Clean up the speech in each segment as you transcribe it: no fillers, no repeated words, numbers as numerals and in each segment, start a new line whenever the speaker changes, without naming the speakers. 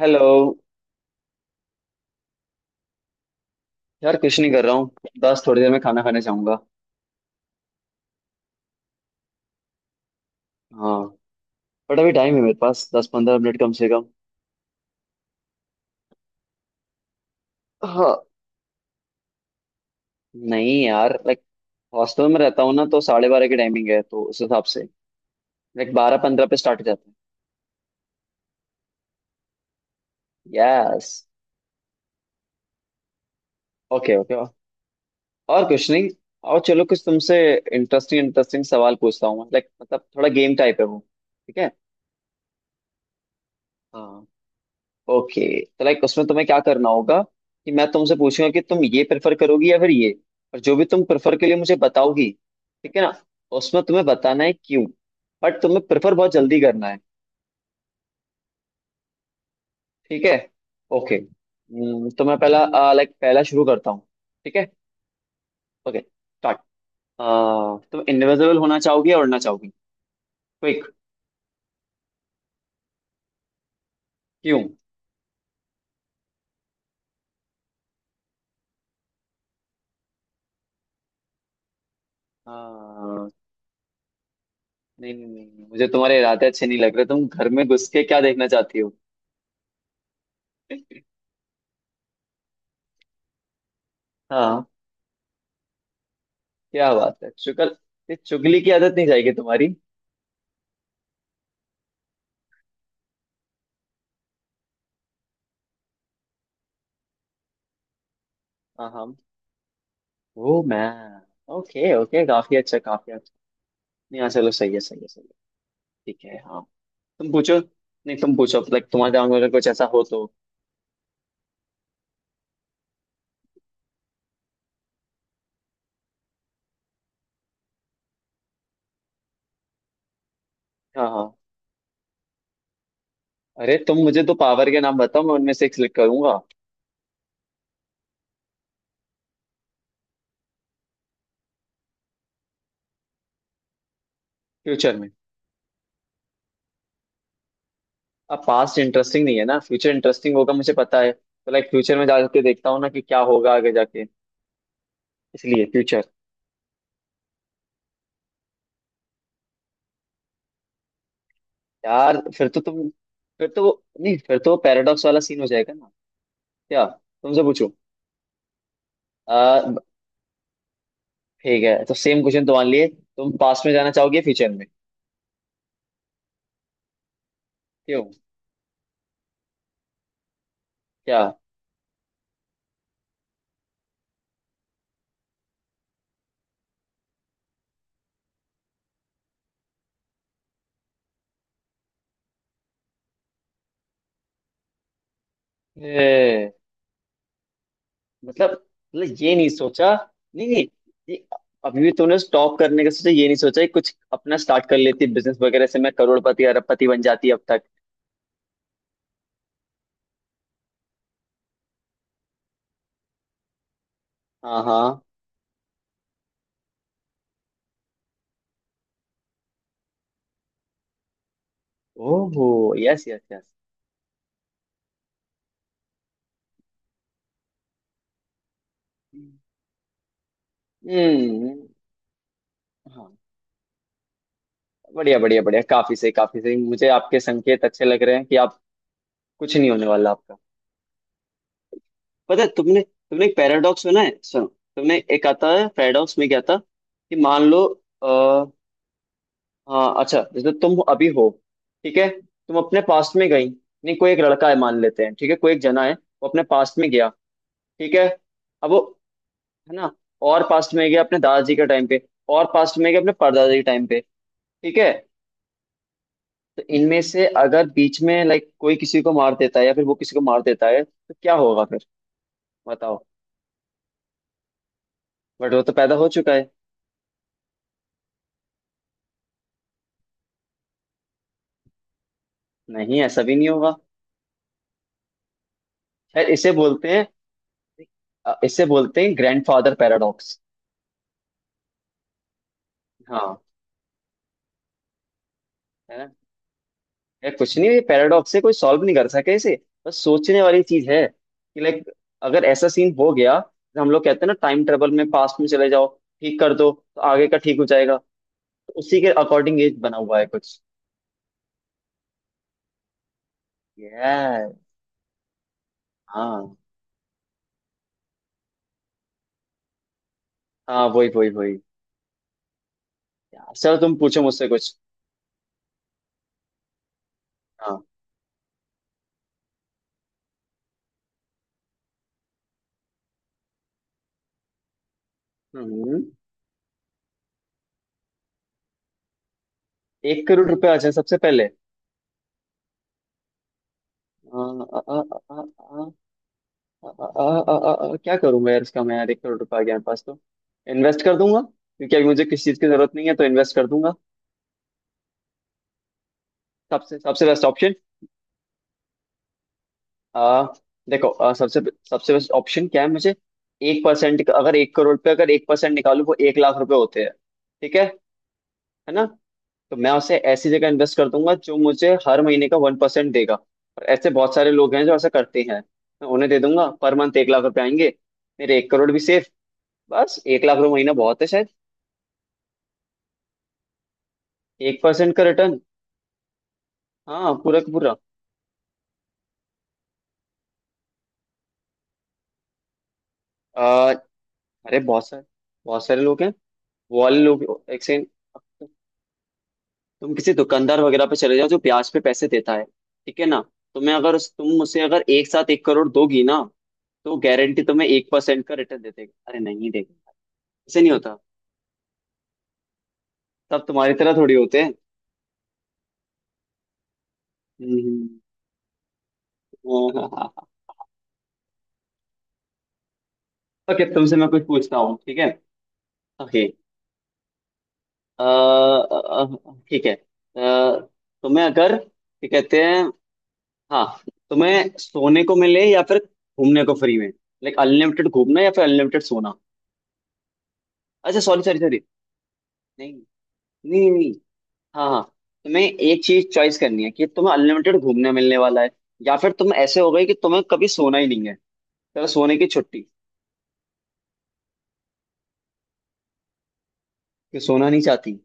Hello. यार कुछ नहीं कर रहा हूँ। बस थोड़ी देर में खाना खाने जाऊंगा। हाँ। बट अभी टाइम है मेरे पास 10-15 मिनट कम से कम। हाँ। नहीं यार, लाइक हॉस्टल में रहता हूँ ना, तो 12:30 की टाइमिंग है, तो उस हिसाब से लाइक 12:15 पे स्टार्ट हो जाते हैं। यस। Okay okay. और कुछ नहीं। और चलो कुछ तुमसे इंटरेस्टिंग इंटरेस्टिंग सवाल पूछता हूँ, लाइक मतलब थोड़ा गेम टाइप है वो। ठीक है? हाँ। ओके, तो लाइक उसमें तुम्हें क्या करना होगा कि मैं तुमसे पूछूंगा कि तुम ये प्रेफर करोगी या फिर ये। और जो भी तुम प्रेफर के लिए मुझे बताओगी। ठीक है ना। उसमें तुम्हें बताना है क्यों। बट तुम्हें प्रेफर बहुत जल्दी करना है। ठीक है। ओके। तो मैं पहला, लाइक पहला शुरू करता हूँ। ठीक है। Okay start. तुम इनविजिबल होना चाहोगी या उड़ना चाहोगी? क्विक। क्यों? अह, नहीं नहीं नहीं नहीं, मुझे तुम्हारे इरादे अच्छे नहीं लग रहे। तुम घर में घुस के क्या देखना चाहती हो? हाँ। क्या बात है शुक्र। ये चुगली की आदत नहीं जाएगी तुम्हारी। हाँ हाँ। वो मैं। ओके ओके, काफी अच्छा काफी अच्छा। नहीं, हाँ चलो, सही है सही है सही है। ठीक है। हाँ। तुम पूछो, नहीं तुम पूछो, लाइक तुम्हारे दिमाग में अगर कुछ ऐसा हो तो। हाँ हाँ। अरे तुम मुझे तो पावर के नाम बताओ, मैं उनमें से एक सिलेक्ट करूंगा। फ्यूचर में। अब पास्ट इंटरेस्टिंग नहीं है ना, फ्यूचर इंटरेस्टिंग होगा मुझे पता है, तो लाइक फ्यूचर में जाके देखता हूँ ना कि क्या होगा आगे जाके। इसलिए फ्यूचर। यार फिर तो तुम, फिर तो वो नहीं, फिर तो वो पैराडॉक्स वाला सीन हो जाएगा ना। क्या? तुमसे पूछो। आ, ठीक है, तो सेम क्वेश्चन तो मान लिए। तुम पास्ट में जाना चाहोगे फ्यूचर में? क्यों? क्या? ए, मतलब। मतलब ये नहीं सोचा। नहीं नहीं। ये अभी भी तूने स्टॉप करने का सोचा, ये नहीं सोचा कि कुछ अपना स्टार्ट कर लेती बिजनेस वगैरह से, मैं करोड़पति अरबपति बन जाती अब तक। हाँ हाँ। ओहो। Yes yes yes. हम्म। हाँ। बढ़िया बढ़िया बढ़िया, काफी सही काफी सही, मुझे आपके संकेत अच्छे लग रहे हैं कि आप। कुछ नहीं होने वाला आपका। पता है, तुमने तुमने एक पैराडॉक्स सुना है? सुनो। तुमने, एक आता है पैराडॉक्स, में क्या था कि मान लो, आ, हाँ अच्छा, जैसे तुम अभी हो। ठीक है। तुम अपने पास्ट में गई। नहीं, कोई एक लड़का है मान लेते हैं, ठीक है, कोई एक जना है। वो अपने पास्ट में गया। ठीक है। अब वो, है ना, और पास्ट में गया अपने दादाजी के टाइम पे। और पास्ट में गया अपने परदादा के टाइम पे। ठीक है। तो इनमें से अगर बीच में लाइक कोई किसी को मार देता है, या फिर वो किसी को मार देता है, तो क्या होगा फिर? बताओ। बट वो तो पैदा हो चुका है। नहीं, ऐसा भी नहीं होगा। शायद इसे बोलते हैं, इसे बोलते हैं ग्रैंडफादर पैराडॉक्स। हाँ। है ना। यार कुछ नहीं, ये पैराडॉक्स है, कोई सॉल्व नहीं कर सके इसे। बस सोचने वाली चीज है कि लाइक, अगर ऐसा सीन हो गया, तो हम लोग कहते हैं ना टाइम ट्रेवल में पास्ट में चले जाओ। ठीक कर दो तो आगे का ठीक हो जाएगा। तो उसी के अकॉर्डिंग ये बना हुआ है कुछ। ये हाँ हाँ, वही वही वही। यार, चलो तुम पूछो मुझसे कुछ। हाँ। हम्म 1 करोड़ रुपए आ जाए सबसे पहले। आ, आ, आ, आ, आ, अ, अ, अ, क्या करूं मैं यार इसका, मैं यार, 1 करोड़ रुपया आ गया मेरे पास तो इन्वेस्ट कर दूंगा, क्योंकि अभी मुझे किसी चीज की जरूरत नहीं है, तो इन्वेस्ट कर दूंगा। सबसे सबसे बेस्ट ऑप्शन। आ देखो, सबसे सबसे बेस्ट ऑप्शन क्या है मुझे। 1%, अगर 1 करोड़ पे अगर 1% निकालू, वो 1 लाख रुपए होते हैं। ठीक है। है ना। तो मैं उसे ऐसी जगह इन्वेस्ट कर दूंगा जो मुझे हर महीने का 1% देगा, और ऐसे बहुत सारे लोग हैं जो ऐसा करते हैं। मैं उन्हें दे दूंगा, पर मंथ 1 लाख रुपए आएंगे। मेरे 1 करोड़ भी सेफ। बस 1 लाख रुपए महीना बहुत है। एक परसेंट का रिटर्न। हाँ, पूरा का पूरा। आ, अरे बहुत सारे, बहुत सारे लोग हैं। वो वाले लोग। एक सेकंड। तुम किसी दुकानदार वगैरह पे चले जाओ जो ब्याज पे पैसे देता है, ठीक है ना। तुम उसे अगर एक साथ 1 करोड़ दोगी ना, तो गारंटी तुम्हें 1% का रिटर्न दे देगा। अरे नहीं देगा। ऐसे नहीं होता। तब तुम्हारी तरह थोड़ी होते हैं। हम्म, हाँ, हाँ, हाँ। ओके, तुमसे मैं कुछ पूछता हूँ, ठीक है। ओके। अ, अ, ठीक है, तुम्हें अगर, क्या कहते हैं, हाँ, तुम्हें सोने को मिले या फिर घूमने को फ्री में, लाइक अनलिमिटेड घूमना या फिर अनलिमिटेड सोना। अच्छा सॉरी सॉरी सॉरी। नहीं नहीं नहीं, हाँ हाँ, तुम्हें एक चीज चॉइस करनी है, कि तुम्हें अनलिमिटेड घूमने मिलने वाला है, या फिर तुम ऐसे हो गए कि तुम्हें कभी सोना ही नहीं है। चलो सोने की छुट्टी। कि सोना नहीं चाहती।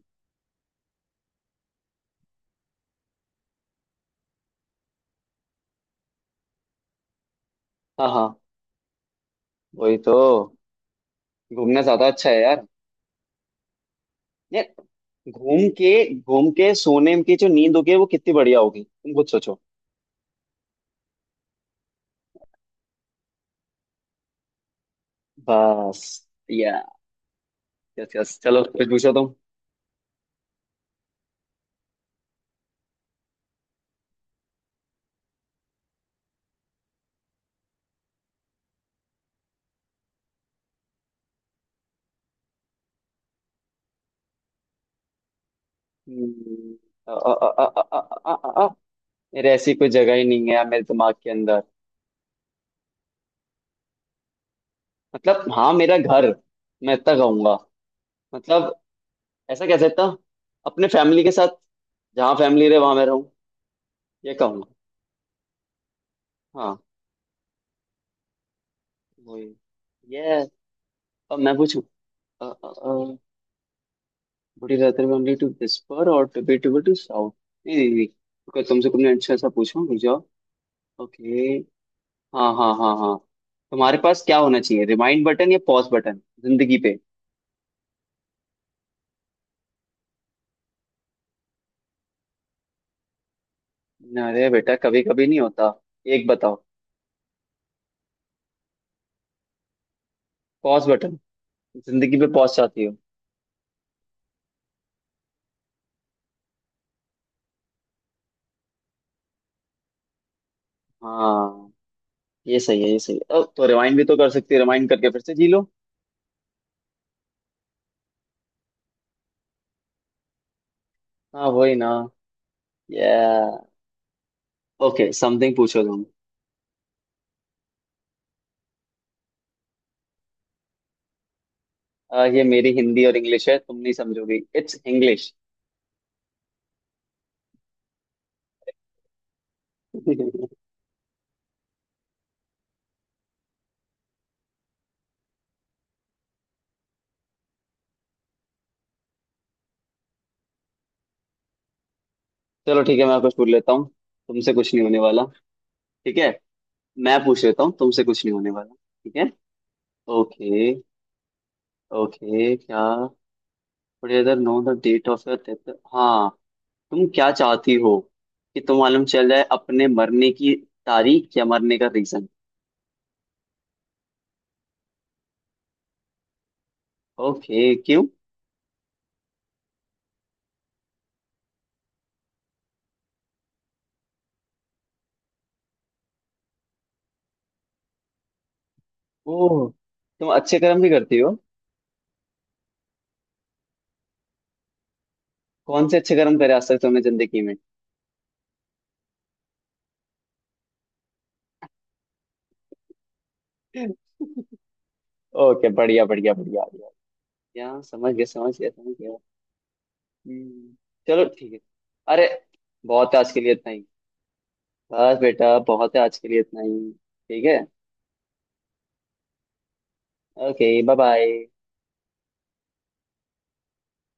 हाँ हाँ, वही तो, घूमना ज्यादा अच्छा है यार। यार, घूम के सोने की जो नींद होगी वो कितनी बढ़िया होगी, तुम खुद सोचो। बस, या, यस यस, चलो फिर पूछो तुम। हम्म, अ, अ, अ, अ, अ, अ, अ, अ, अ, मेरे ऐसी कोई जगह ही नहीं है यार मेरे दिमाग के अंदर। मतलब हाँ, मेरा घर, मैं इतना कहूंगा, मतलब ऐसा कह सकता हूँ, अपने फैमिली के साथ, जहाँ फैमिली रहे वहां मैं रहूँ। ये कहूंगा। हाँ वही। ये, अब मैं पूछूं। Would you rather only to whisper or to be to to sound. नहीं नहीं नहीं, रुको, तुमसे कुछ अच्छा ऐसा पूछूं, रुक जाओ। ओके। हाँ हाँ हाँ हाँ। तुम्हारे पास क्या होना चाहिए, रिमाइंड बटन या पॉज बटन जिंदगी पे? अरे बेटा, कभी कभी नहीं होता। एक बताओ। Pause button? जिंदगी में पॉज चाहती हो। हाँ, ये सही है ये सही है। तो रिवाइंड भी तो कर सकती है, रिवाइंड करके फिर से जी लो। हाँ वही ना, या, ओके। समथिंग पूछो तुम। ये मेरी हिंदी और इंग्लिश है, तुम नहीं समझोगी, इट्स इंग्लिश। चलो ठीक है, मैं कुछ पूछ लेता हूँ, तुमसे कुछ नहीं होने वाला। ठीक है, मैं पूछ लेता हूँ, तुमसे कुछ नहीं होने वाला। ठीक है। ओके। ओके, क्या, इधर, know the date of your death, हाँ, तुम क्या चाहती हो कि तुम, मालूम चल जाए अपने मरने की तारीख, या मरने का रीजन? ओके। क्यों? ओ, तुम अच्छे कर्म भी करती हो? कौन से अच्छे कर्म करे आज तक तुमने जिंदगी में? ओके, बढ़िया बढ़िया बढ़िया बढ़िया। क्या, समझ गया समझ गया समझ गया। हम्म, चलो ठीक है। अरे बहुत है आज के लिए इतना ही। बस बेटा, बहुत है आज के लिए इतना ही। ठीक है। Okay bye bye.